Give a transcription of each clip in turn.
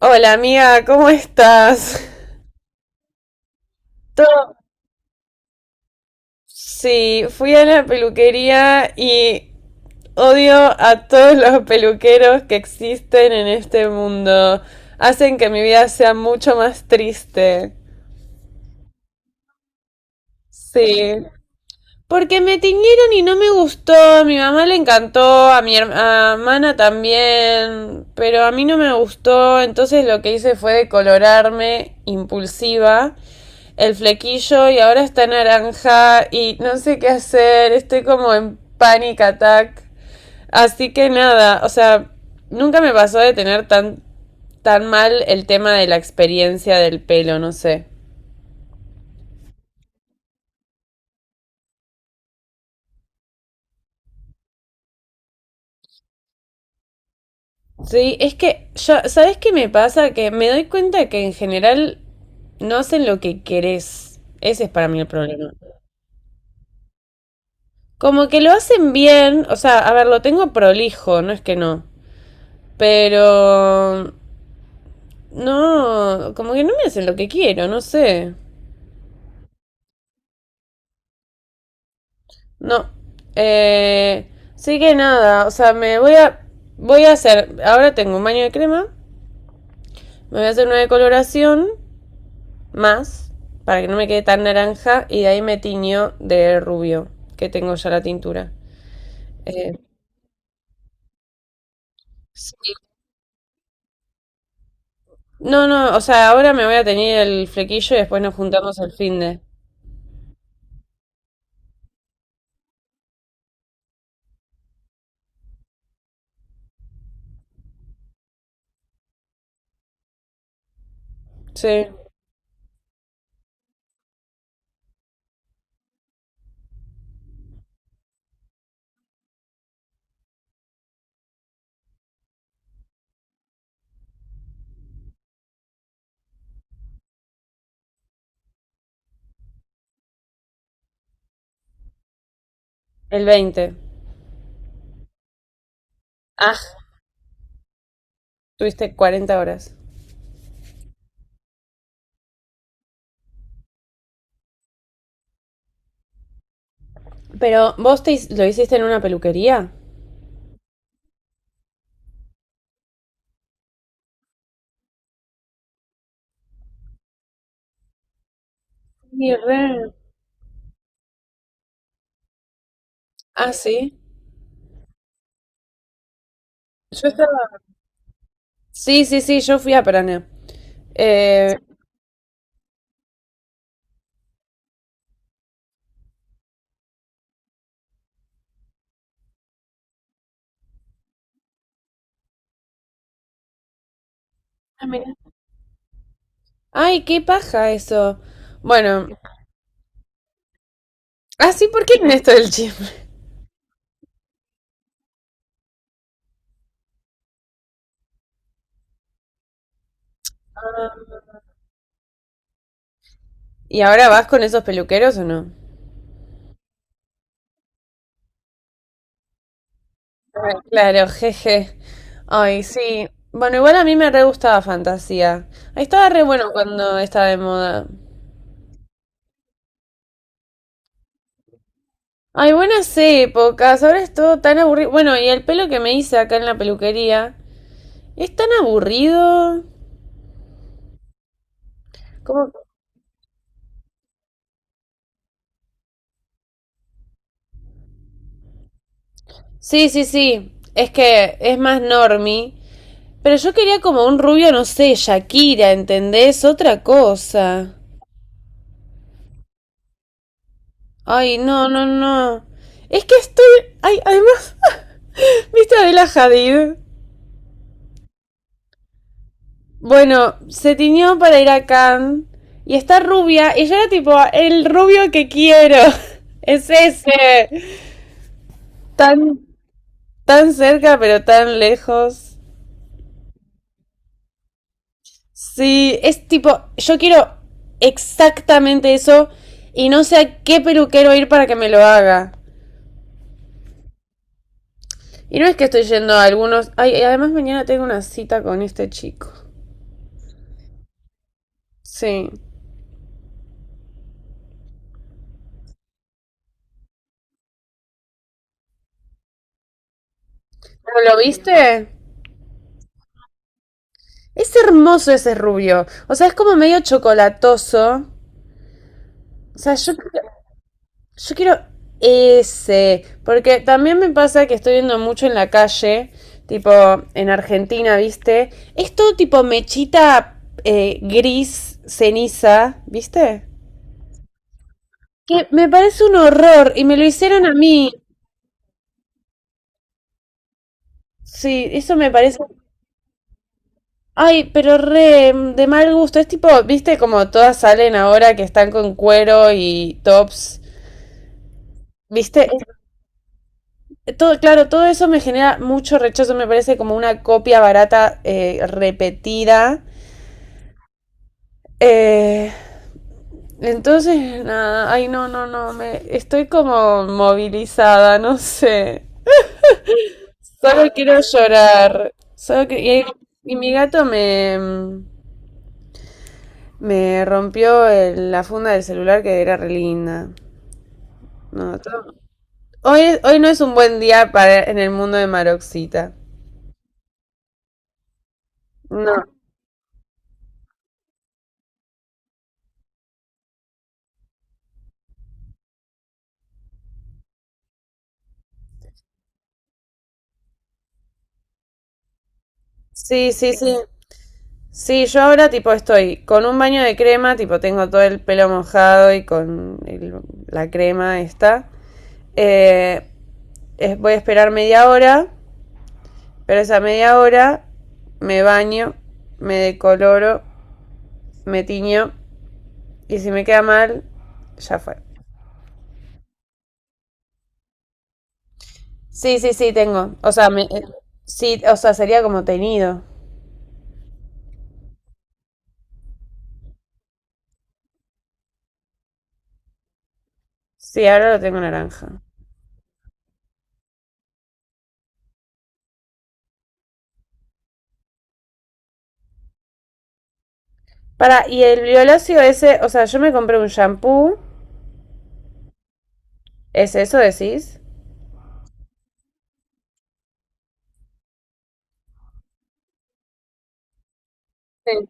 Hola amiga, ¿cómo estás? Todo... Sí, fui a la peluquería y odio a todos los peluqueros que existen en este mundo. Hacen que mi vida sea mucho más triste. Sí. Porque me tiñeron y no me gustó, a mi mamá le encantó, a mi hermana también, pero a mí no me gustó, entonces lo que hice fue decolorarme impulsiva el flequillo y ahora está naranja y no sé qué hacer, estoy como en panic attack. Así que nada, o sea, nunca me pasó de tener tan, tan mal el tema de la experiencia del pelo, no sé. Sí, es que yo, ¿sabes qué me pasa? Que me doy cuenta que en general no hacen lo que querés. Ese es para mí el problema. Como que lo hacen bien, o sea, a ver, lo tengo prolijo, no es que no. Pero no, como que no me hacen lo que quiero, no sé. No. Eh, sí que nada, o sea, me voy a hacer, ahora tengo un baño de crema, me voy a hacer una decoloración, más para que no me quede tan naranja y de ahí me tiñó de rubio, que tengo ya la tintura. Eh, no, no, o sea, ahora me voy a teñir el flequillo y después nos juntamos el fin de. Sí, el 20. Ah, tuviste 40 horas. Pero vos lo hiciste en una peluquería. Sí, re. Ah, sí. Yo estaba. Sí, sí, sí, yo fui a Paraná. Eh, Ah, mira. Ay, qué paja eso. Bueno, ah así porque en esto del chisme. ¿Y ahora vas con esos peluqueros o no? Claro, jeje. Ay, sí. Bueno, igual a mí me re gustaba Fantasía. Ahí estaba re bueno cuando estaba de moda. Ay, buenas épocas. Ahora es todo tan aburrido. Bueno, y el pelo que me hice acá en la peluquería es tan aburrido. ¿Cómo? Sí, sí, sí. Es que es más normie. Pero yo quería como un rubio, no sé, Shakira, ¿entendés? Otra cosa. Ay, no, no, no. Es que estoy. Ay, además. Vista de la Hadid. Bueno, se tiñó para ir a Cannes y está rubia y yo era tipo, el rubio que quiero. Es ese. Tan, tan cerca pero tan lejos. Sí, es tipo, yo quiero exactamente eso y no sé a qué peluquero ir para que me lo haga. Y no es que estoy yendo a algunos. Ay, además mañana tengo una cita con este chico. Sí. ¿Pero lo viste? Es hermoso ese rubio. O sea, es como medio chocolatoso. O sea, yo quiero ese. Porque también me pasa que estoy viendo mucho en la calle, tipo en Argentina, ¿viste? Es todo tipo mechita gris, ceniza, ¿viste? Que me parece un horror y me lo hicieron a mí. Sí, eso me parece. Ay, pero re de mal gusto. Es tipo, ¿viste? Como todas salen ahora que están con cuero y tops. ¿Viste? Todo, claro, todo eso me genera mucho rechazo, me parece como una copia barata repetida. Eh, entonces, nada, ay, no, no, no, estoy como movilizada, no sé. Solo quiero llorar. Solo que, y mi gato me rompió la funda del celular que era re linda. No. Hoy no es un buen día para en el mundo de Maroxita. No. Sí, sí, sí. Sí, yo ahora tipo estoy con un baño de crema, tipo tengo todo el pelo mojado y con la crema esta. Eh, Voy a esperar media hora, pero esa media hora me baño, me decoloro, me tiño y si me queda mal, ya fue. Sí, sí, sí, tengo. O sea, sí, o sea, sería como teñido. Sí, ahora lo tengo naranja. Para, y el violáceo ese, o sea, yo me compré un shampoo, ¿es eso decís? Sí.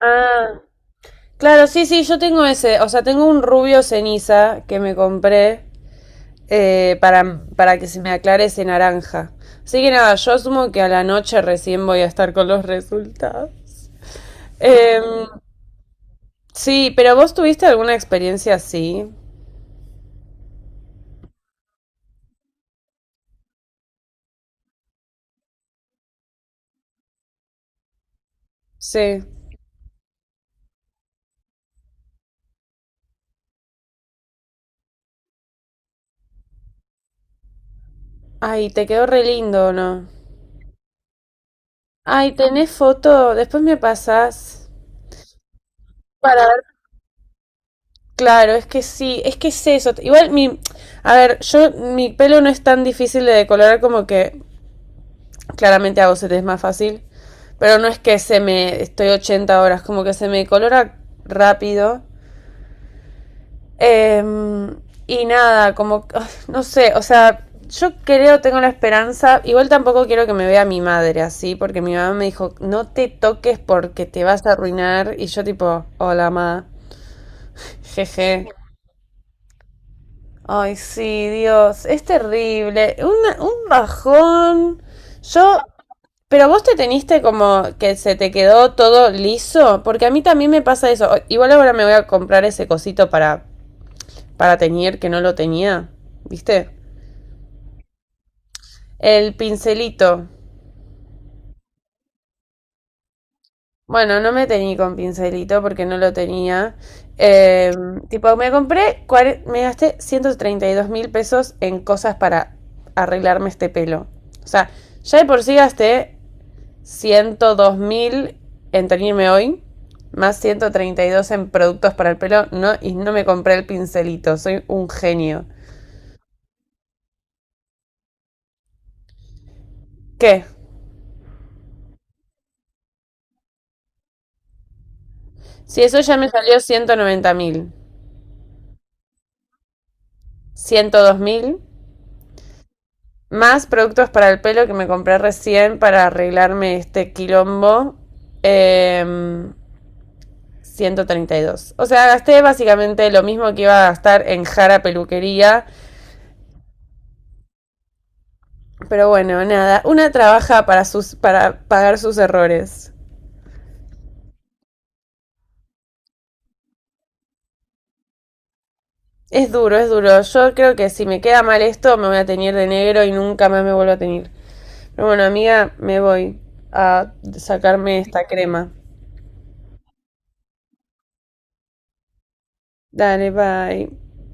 Ah, claro, sí, sí, yo tengo ese, o sea, tengo un rubio ceniza que me compré para que se me aclare ese naranja. Así que nada, yo asumo que a la noche recién voy a estar con los resultados. Em, sí, pero vos tuviste alguna experiencia así. Sí. Ay, te quedó re lindo, ¿o no? Ay, tenés foto, después me pasás. Para ver. Claro, es que sí, es que es eso. Igual a ver, yo mi pelo no es tan difícil de decolorar como que claramente a set es más fácil. Pero no es que se me. Estoy 80 horas, como que se me colora rápido. Em, y nada, como. No sé, o sea, yo creo, tengo la esperanza. Igual tampoco quiero que me vea mi madre así, porque mi mamá me dijo, no te toques porque te vas a arruinar. Y yo, tipo, hola, mamá. Jeje. Ay, sí, Dios, es terrible. Un bajón. Yo. Pero vos te teniste como que se te quedó todo liso, porque a mí también me pasa eso. Igual ahora me voy a comprar ese cosito para teñir que no lo tenía, ¿viste? El pincelito. Bueno, no me teñí con pincelito porque no lo tenía. Eh, Tipo, me gasté 132 mil pesos en cosas para arreglarme este pelo. O sea, ya de por sí gasté 102.000 en teñirme hoy, más 132 en productos para el pelo, no, y no me compré el pincelito, soy un genio. ¿Qué? Si eso ya me salió 190.000, 102.000, más productos para el pelo que me compré recién para arreglarme este quilombo, eh, 132. O sea, gasté básicamente lo mismo que iba a gastar en Jara Peluquería, pero bueno, nada, una trabaja para, para pagar sus errores. Es duro, es duro. Yo creo que si me queda mal esto, me voy a teñir de negro y nunca más me vuelvo a teñir. Pero bueno, amiga, me voy a sacarme esta crema. Dale, bye.